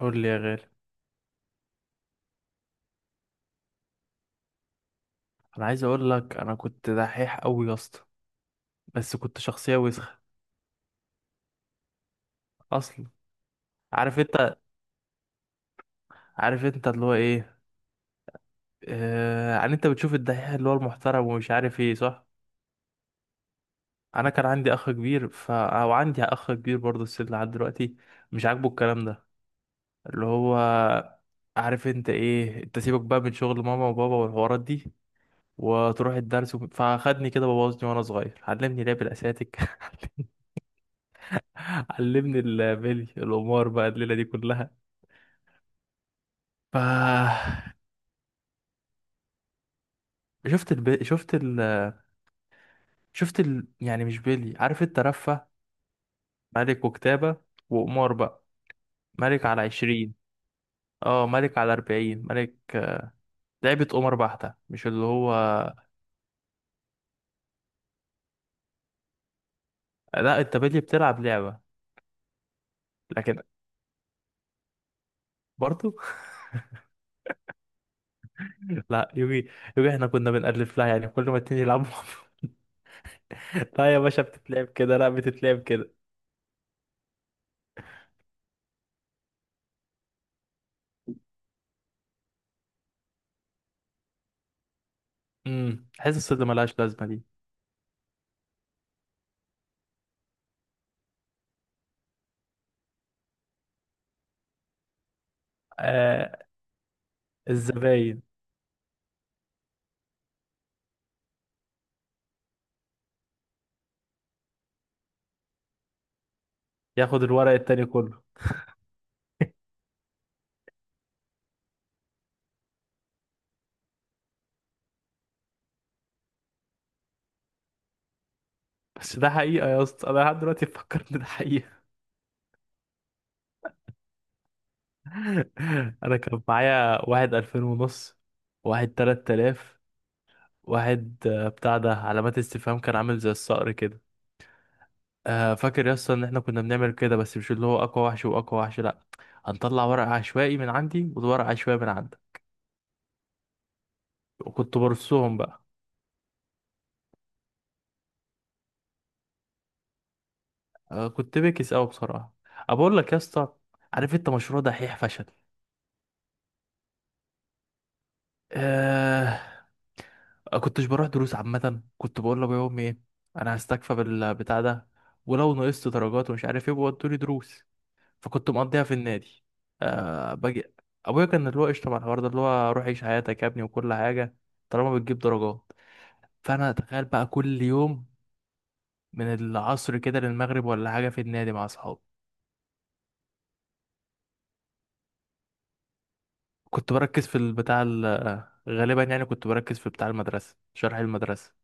قول لي يا غالي. انا عايز اقول لك انا كنت دحيح قوي يا اسطى. بس كنت شخصيه وسخه اصلا. عارف انت عارف انت اللي هو ايه. يعني انت بتشوف الدحيح اللي هو المحترم ومش عارف ايه، صح. انا كان عندي اخ كبير ف او عندي اخ كبير برضه السن لحد دلوقتي، مش عاجبه الكلام ده، اللي هو عارف انت ايه. انت سيبك بقى من شغل ماما وبابا والحوارات دي، وتروح الدرس. فاخدني كده، بوظني وانا صغير، علمني لعب الاساتك. علمني البلي، القمار، بقى الليله دي كلها. ف شفت الب... شفت ال... شفت ال... يعني مش بلي، عارف انت، رفه. ملك وكتابه، وقمار بقى. ملك على 20، اه ملك على 40. ملك، لعبة قمر بحتة، مش اللي هو. لا، انت بلي بتلعب لعبة. لكن برضو. لا، يوجي. يوجي احنا كنا بنألف لها، يعني كل ما اتنين يلعبوا. لا يا باشا، بتتلعب كده، لا، بتتلعب كده. حاسس اللي ملهاش لازمة دي. آه الزباين ياخد الورق التاني كله. بس ده حقيقة يا اسطى، انا لحد دلوقتي بفكر ان ده حقيقة. انا كان معايا واحد 2500، واحد 3000، واحد بتاع ده علامات استفهام، كان عامل زي الصقر كده. فاكر يا اسطى ان احنا كنا بنعمل كده، بس مش اللي هو اقوى وحش واقوى وحش، لا. هنطلع ورق عشوائي من عندي وورق عشوائي من عندك، وكنت برصهم بقى. كنت بكس قوي بصراحة. أبقول لك يا اسطى، عارف انت، مشروع دحيح فشل. آه كنتش بروح دروس عامة. كنت بقول لأبويا وأمي إيه، أنا هستكفى بالبتاع ده، ولو نقصت درجات ومش عارف إيه بيودولي دروس. فكنت مقضيها في النادي. باجي. أبويا كان اللي هو قشطة مع الحوار ده، اللي هو روح عيش حياتك يا ابني وكل حاجة، طالما بتجيب درجات. فأنا أتخيل بقى كل يوم، من العصر كده للمغرب ولا حاجة، في النادي مع أصحابي. كنت بركز في البتاع غالبا يعني كنت بركز في بتاع المدرسة، شرح المدرسة.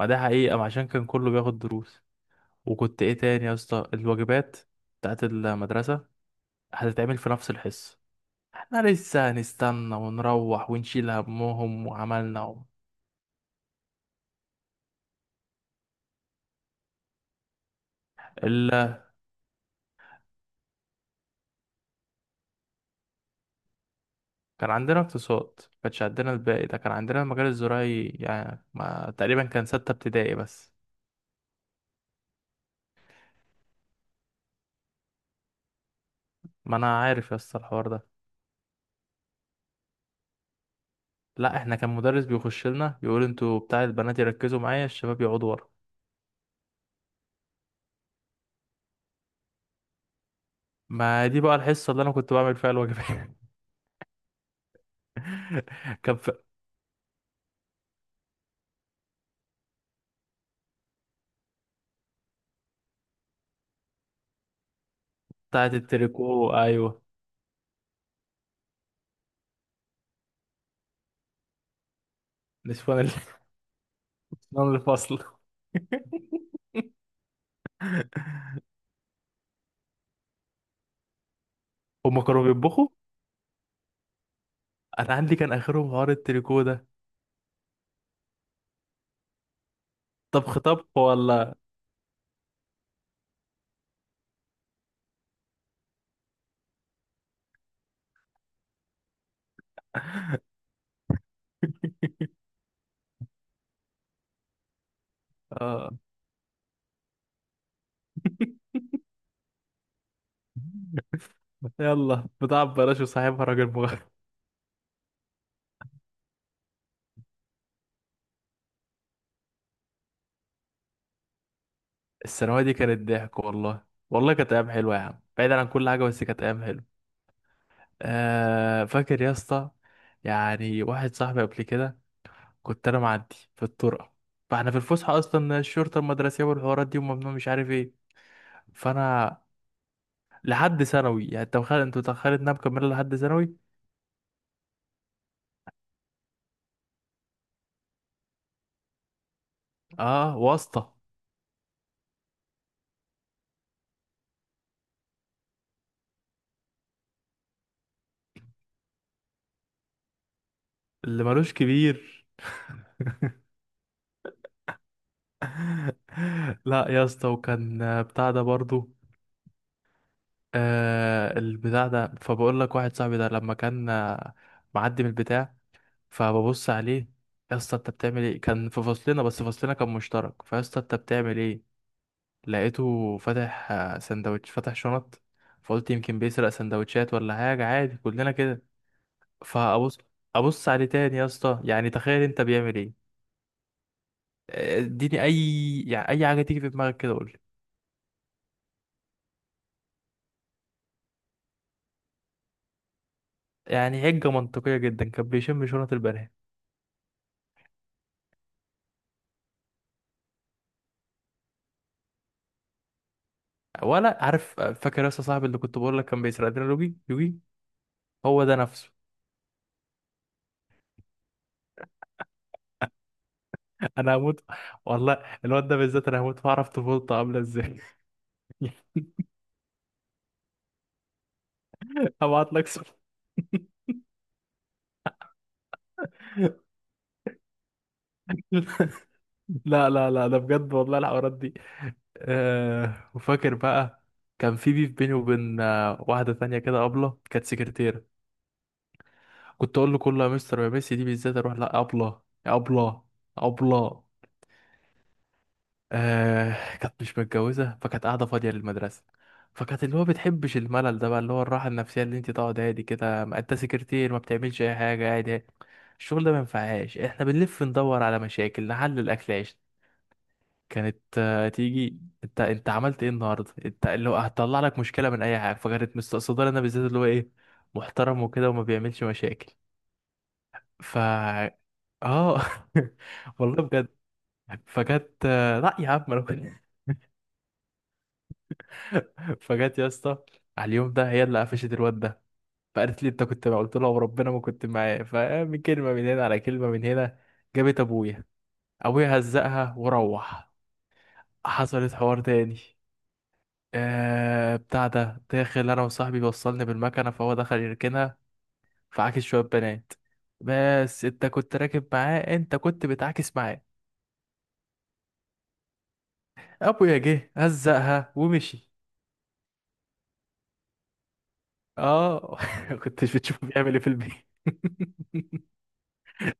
ما ده حقيقة، ما عشان كان كله بياخد دروس. وكنت ايه تاني يا اسطى، الواجبات بتاعت المدرسة هتتعمل في نفس الحصة. احنا لسه هنستنى ونروح ونشيل همهم وعملنا. ال... كان عندنا اقتصاد، ما كانش عندنا الباقي ده. كان عندنا المجال الزراعي، يعني ما... تقريبا كان ستة ابتدائي بس. ما انا عارف يا اسطى الحوار ده. لا، احنا كان مدرس بيخش لنا يقول: انتوا بتاع البنات يركزوا معايا، الشباب يقعدوا ورا. ما دي بقى الحصة اللي انا كنت بعمل فيها الواجبات. كان في... بتاعت التريكو، ايوه، نسوان، نعمل الفصل. هما كانوا بيطبخوا. انا عندي كان اخرهم حوار التريكو ده. طبخ طبخ، ولا؟ آه. يلا، بتاع ببلاش وصاحبها راجل مغرب. الثانويه دي كانت ضحك والله. والله كانت ايام حلوه يا عم، بعيدا عن كل حاجه، بس كانت ايام حلوه. فاكر يا اسطى، يعني واحد صاحبي قبل كده، كنت انا معدي في الطرقه. فاحنا في الفسحه اصلا، الشرطه المدرسيه والحوارات دي وممنوع مش عارف ايه. فانا، لحد ثانوي يعني، انت متخيل انها مكمله لحد ثانوي. اه، واسطة اللي مالوش كبير. لا يا اسطى، وكان بتاع ده برضو. البتاع ده، فبقول لك واحد صاحبي ده لما كان معدي من البتاع، فببص عليه. يا اسطى انت بتعمل ايه؟ كان في فصلنا، بس فصلنا كان مشترك. فيا اسطى انت بتعمل ايه؟ لقيته فاتح سندوتش، فاتح شنط. فقلت يمكن بيسرق سندوتشات ولا حاجة، عادي كلنا كده. فابص ابص عليه تاني يا اسطى، يعني تخيل انت بيعمل ايه. اديني اي يعني اي حاجه تيجي في دماغك كده قول لي. يعني حجه منطقيه جدا، كان بيشم شنط البنات. ولا، عارف، فاكر يا اسطى صاحبي اللي كنت بقول لك كان بيسرق لنا يوجي يوجي، هو ده نفسه. انا هموت والله. الواد ده بالذات انا هموت واعرف طفولته عامله ازاي. هبعت لك صور. لا، لا، لا، ده بجد والله الحوارات دي. وفاكر بقى، كان في بيف بيني وبين واحدة تانية كده، أبلة كانت سكرتيرة. كنت أقول له كله يا مستر يا ميسي، دي بالذات أروح لا، أبلة يا أبلة أبلة. كانت مش متجوزة فكانت قاعدة فاضية للمدرسة. فكانت اللي هو بتحبش الملل ده بقى، اللي هو الراحة النفسية اللي انت تقعد هادي كده، ما انت سكرتير ما بتعملش أي حاجة، قاعد هادي. الشغل ده ما ينفعهاش، احنا بنلف ندور على مشاكل نحل الأكلاش. كانت تيجي: انت عملت ايه النهارده، انت اللي هو، هتطلع لك مشكله من اي حاجه. فكانت مستقصداني انا بالذات، اللي هو ايه، محترم وكده وما بيعملش مشاكل. ف اه والله بجد. فجت، لا يا عم انا كنت. فجت يا اسطى على اليوم ده، هي اللي قفشت الواد ده. فقالت لي: انت كنت معاه؟ قلت لها: وربنا ما كنت معاه. فمن كلمه من هنا على كلمه من هنا، جابت ابويا. ابويا هزقها وروح. حصلت حوار تاني. بتاع ده، داخل انا وصاحبي، وصلني بالمكنه فهو دخل يركنها، فعاكس شويه بنات. بس انت كنت راكب معاه، انت كنت بتعاكس معاه. ابويا جه هزقها ومشي. اه. كنتش بتشوفه بيعمل ايه في البيت.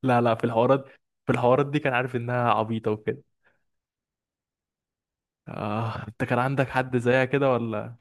لا، لا، في الحوارات دي كان عارف انها عبيطة وكده. انت كان عندك حد زيها كده ولا؟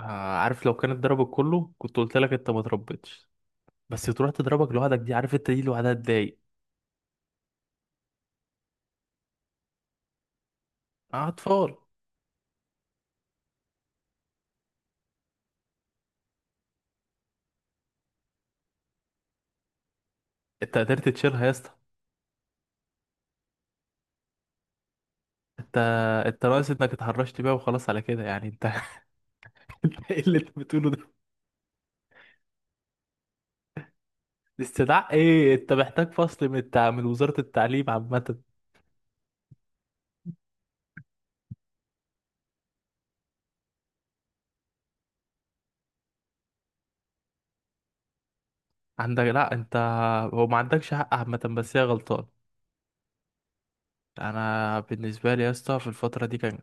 آه عارف، لو كانت ضربك كله كنت قلت لك انت ما تربيتش. بس تروح تضربك لوحدك دي، عارف انت، دي لوحدها تضايق. اطفال. انت قدرت تشيلها يا اسطى؟ انت انت ناقص انك اتهرشت بيها وخلاص، على كده يعني انت. إنت ايه اللي انت بتقوله ده؟ الاستدعاء ايه؟ انت محتاج فصل من من وزارة التعليم عامة. عندك، لا، انت، هو ما عندكش حق عامة، بس هي غلطان. انا بالنسبه لي يا اسطى، في الفتره دي كان،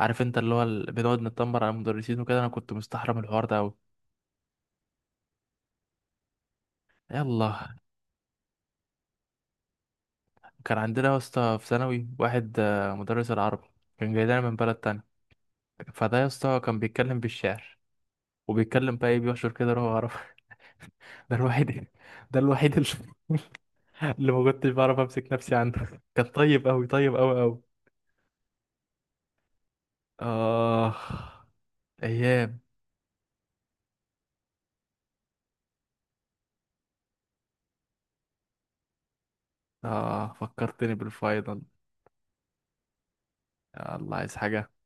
عارف انت اللي هو بنقعد نتنمر على المدرسين وكده، انا كنت مستحرم الحوار ده قوي. يلا. كان عندنا يا اسطى في ثانوي واحد مدرس العربي. كان جاي لنا من بلد تاني. فده يا اسطى كان بيتكلم بالشعر، وبيتكلم بقى ايه، بيحشر كده روح عربي. ده الوحيد. ده الوحيد اللي اللي ما كنتش بعرف امسك نفسي عنه، كان طيب قوي، طيب قوي قوي. اه ايام. اه فكرتني بالفاينل. يا الله، عايز حاجه؟